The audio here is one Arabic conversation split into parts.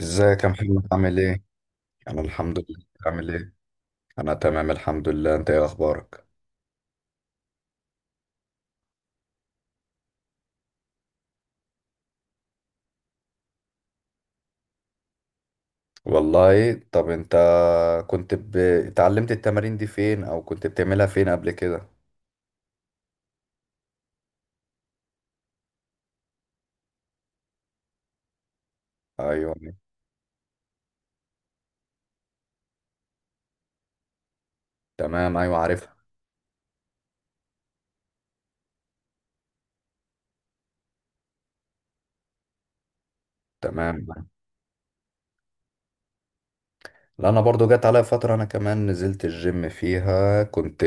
ازيك يا محمد عامل ايه؟ انا الحمد لله عامل ايه؟ انا تمام الحمد لله انت ايه اخبارك؟ والله طب انت كنت اتعلمت التمارين دي فين او كنت بتعملها فين قبل كده؟ ايوه. تمام. ايوه عارفها. تمام. لا انا برضو جت عليا فترة، انا كمان نزلت الجيم فيها، كنت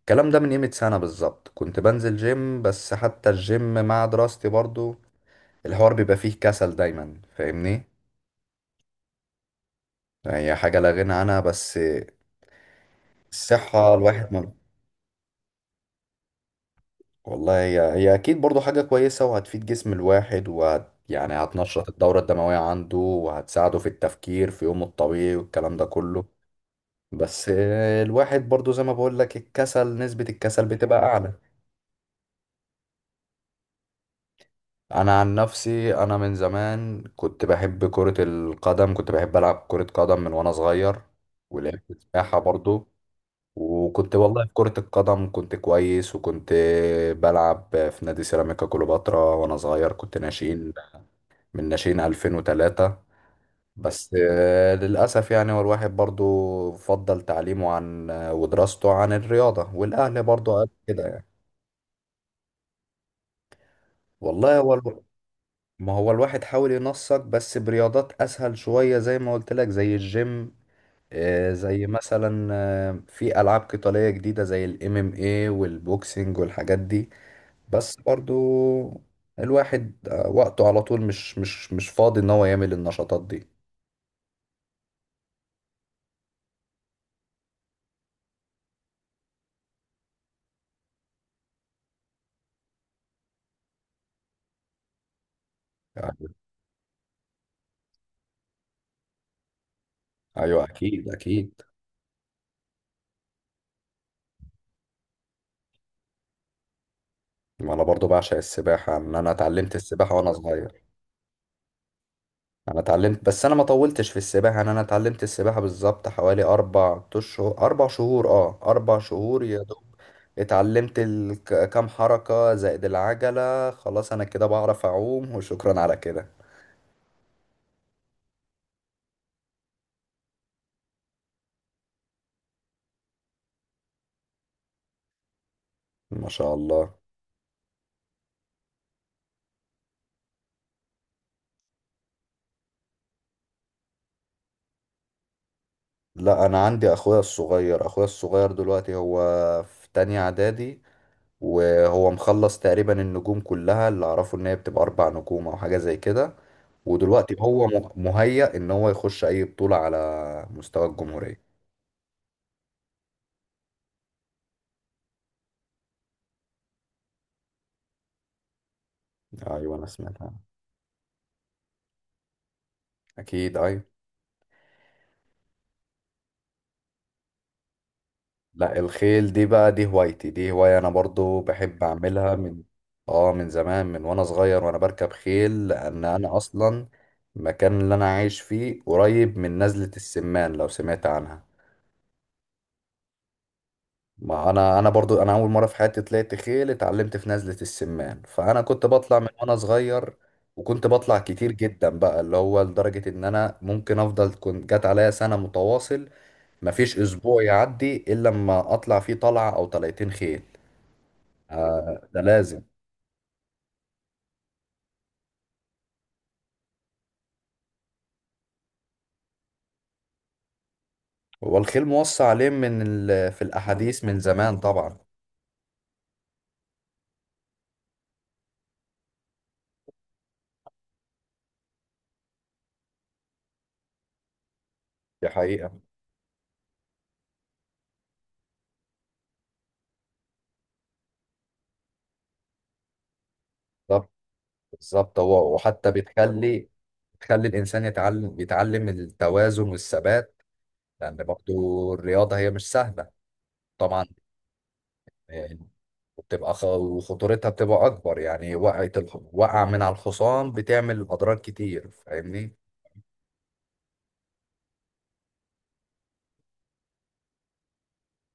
الكلام ده من قيمة سنة بالظبط كنت بنزل جيم، بس حتى الجيم مع دراستي برضو الحوار بيبقى فيه كسل دايما، فاهمني؟ يعني هي حاجة لا غنى عنها، بس الصحة الواحد ما. والله هي أكيد برضو حاجة كويسة وهتفيد جسم الواحد يعني هتنشط الدورة الدموية عنده وهتساعده في التفكير في يومه الطبيعي والكلام ده كله. بس الواحد برضو زي ما بقول لك الكسل، نسبة الكسل بتبقى أعلى. أنا عن نفسي أنا من زمان كنت بحب كرة القدم، كنت بحب ألعب كرة قدم من وأنا صغير. ولعبت سباحة برضو. وكنت والله في كرة القدم كنت كويس، وكنت بلعب في نادي سيراميكا كليوباترا وأنا صغير، كنت ناشئين. من ناشئين 2003. بس للأسف يعني هو الواحد برضو فضل تعليمه عن ودراسته عن الرياضة، والأهل برضو قال كده يعني. والله هو ما هو الواحد حاول ينسق بس برياضات أسهل شوية، زي ما قلت لك زي الجيم. زي مثلا في ألعاب قتالية جديدة زي MMA والبوكسنج والحاجات دي. بس برضو الواحد وقته على طول مش فاضي ان هو يعمل النشاطات دي. يعني ايوه اكيد اكيد. ما انا برضو بعشق السباحه، ان انا اتعلمت السباحه وانا صغير. انا اتعلمت، بس انا ما طولتش في السباحه. انا اتعلمت السباحه بالظبط حوالي 4 اشهر، 4 شهور، 4 شهور يا دوب. اتعلمت كام حركه زائد العجله، خلاص انا كده بعرف اعوم وشكرا على كده. ما شاء الله. لا انا عندي اخويا الصغير، اخويا الصغير دلوقتي هو في تانية اعدادي، وهو مخلص تقريبا النجوم كلها. اللي اعرفه ان هي بتبقى 4 نجوم او حاجة زي كده. ودلوقتي هو مهيأ ان هو يخش اي بطولة على مستوى الجمهورية. ايوه انا سمعتها. اكيد ايوه. لا الخيل دي بقى، دي هوايتي، دي هواية انا برضو بحب اعملها من زمان. من وانا صغير وانا بركب خيل، لان انا اصلا المكان اللي انا عايش فيه قريب من نزلة السمان، لو سمعت عنها. ما انا برضو انا اول مره في حياتي طلعت خيل اتعلمت في نزله السمان، فانا كنت بطلع من وانا صغير. وكنت بطلع كتير جدا بقى، اللي هو لدرجه ان انا ممكن افضل كنت جت عليا سنه متواصل مفيش اسبوع يعدي الا لما اطلع فيه طلعه او طلعتين خيل. آه ده لازم. هو الخيل موصى عليه من في الاحاديث من زمان طبعا. دي حقيقه. بالظبط بالظبط. هو وحتى بتخلي الانسان يتعلم التوازن والثبات، لان برضو الرياضه هي مش سهله. طبعا. آه، وبتبقى وخطورتها بتبقى اكبر. يعني وقع من على الحصان بتعمل اضرار كتير، فاهمني؟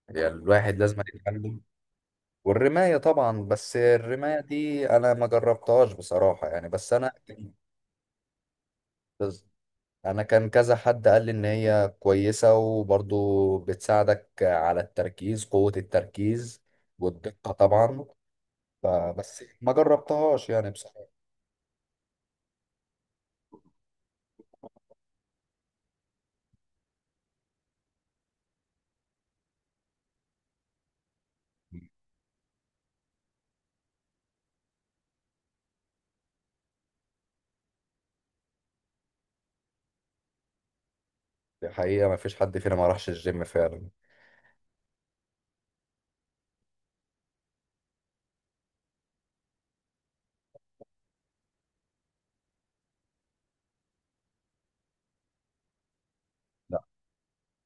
يعني الواحد لازم يتعلم. والرمايه طبعا، بس الرمايه دي انا ما جربتهاش بصراحه يعني. بس انا كان كذا حد قال لي ان هي كويسه، وبرضو بتساعدك على التركيز، قوه التركيز والدقه طبعا. فبس ما جربتهاش يعني بصراحه. دي حقيقة، ما فيش حد فينا ما راحش الجيم فعلا. لا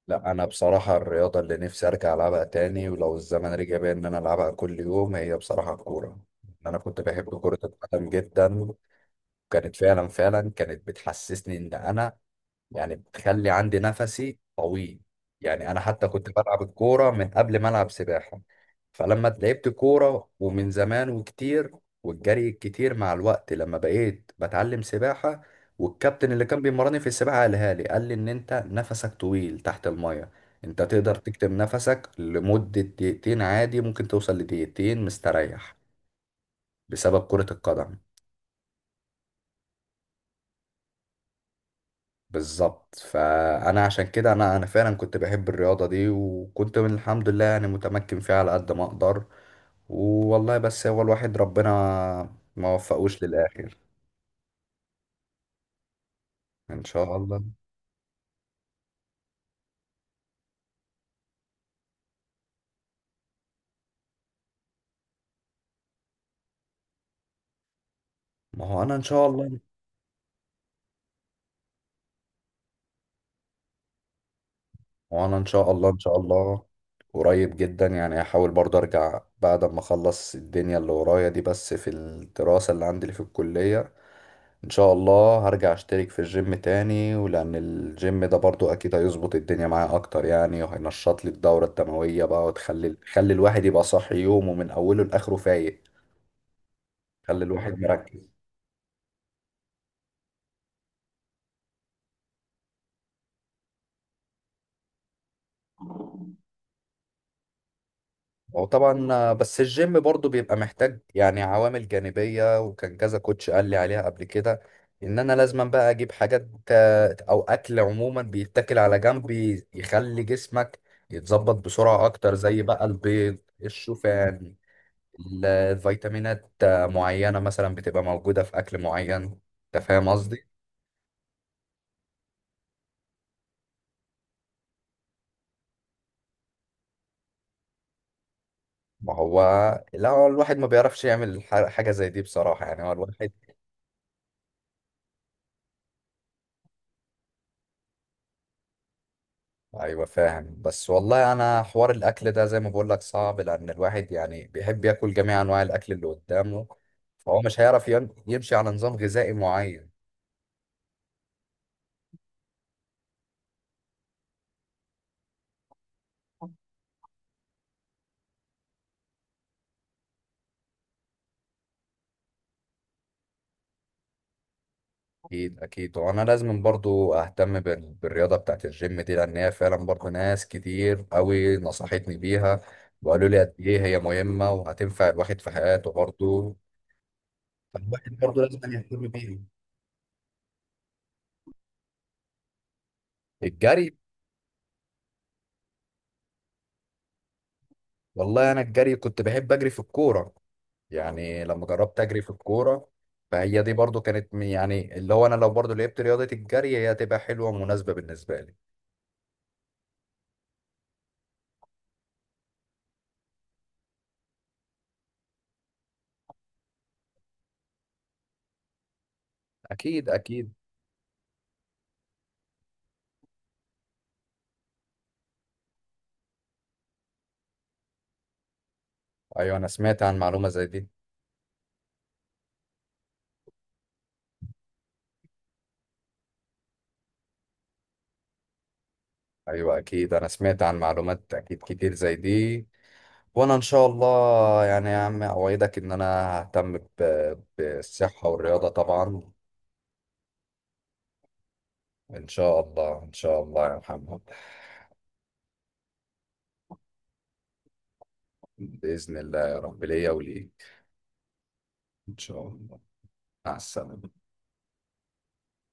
لا، أنا بصراحة الرياضة اللي نفسي أرجع ألعبها تاني ولو الزمن رجع بيا إن أنا ألعبها كل يوم، هي بصراحة الكورة. أنا كنت بحب كرة القدم جدا. وكانت فعلا فعلا كانت بتحسسني إن أنا يعني بتخلي عندي نفسي طويل. يعني انا حتى كنت بلعب الكوره من قبل ما العب سباحه. فلما لعبت كوره ومن زمان وكتير والجري الكتير مع الوقت لما بقيت بتعلم سباحه، والكابتن اللي كان بيمرني في السباحه قال لي ان انت نفسك طويل تحت الميه، انت تقدر تكتم نفسك لمده دقيقتين عادي، ممكن توصل لدقيقتين مستريح. بسبب كره القدم. بالظبط، فانا عشان كده انا فعلا كنت بحب الرياضه دي، وكنت من الحمد لله يعني متمكن فيها على قد ما اقدر. والله بس هو الواحد ربنا ما وفقوش للاخر. ان شاء الله. ما هو انا ان شاء الله. ما هو انا ان شاء الله ان شاء الله. قريب جدا يعني هحاول برضه ارجع بعد ما اخلص الدنيا اللي ورايا دي، بس في الدراسه اللي عندي اللي في الكليه. ان شاء الله هرجع اشترك في الجيم تاني، ولان الجيم ده برضو اكيد هيظبط الدنيا معايا اكتر يعني، وهينشط لي الدورة الدموية بقى خلي الواحد يبقى صاحي يومه من اوله لاخره فايق، خلي الواحد مركز. وطبعا بس الجيم برضو بيبقى محتاج يعني عوامل جانبية، وكان كذا كوتش قال لي عليها قبل كده ان انا لازم بقى اجيب حاجات او اكل عموما بيتاكل على جنب يخلي جسمك يتظبط بسرعة اكتر، زي بقى البيض، الشوفان، الفيتامينات معينة مثلا بتبقى موجودة في أكل معين. أنت فاهم قصدي؟ ما هو لا، هو الواحد ما بيعرفش يعمل حاجة زي دي بصراحة، يعني هو الواحد. أيوة فاهم، بس والله أنا حوار الأكل ده زي ما بقول لك صعب، لأن الواحد يعني بيحب ياكل جميع أنواع الأكل اللي قدامه. فهو مش هيعرف يمشي على نظام غذائي معين. اكيد اكيد، وانا لازم برضو اهتم بالرياضه بتاعت الجيم دي، لان هي فعلا برضو ناس كتير قوي نصحتني بيها، وقالوا لي قد ايه هي مهمه وهتنفع الواحد في حياته برضو. فالواحد برضو لازم يهتم بيها. الجري. والله انا الجري كنت بحب اجري في الكوره. يعني لما جربت اجري في الكوره، فهي دي برضو كانت يعني اللي هو انا لو برضو لعبت رياضه الجري هي هتبقى حلوه ومناسبه بالنسبه لي. اكيد اكيد. ايوه انا سمعت عن معلومه زي دي. ايوه اكيد انا سمعت عن معلومات اكيد كتير زي دي. وانا ان شاء الله يعني يا عم اوعدك ان انا ههتم بالصحه والرياضه طبعا. ان شاء الله ان شاء الله يا محمد. باذن الله يا رب ليا وليك. ان شاء الله. مع السلامه.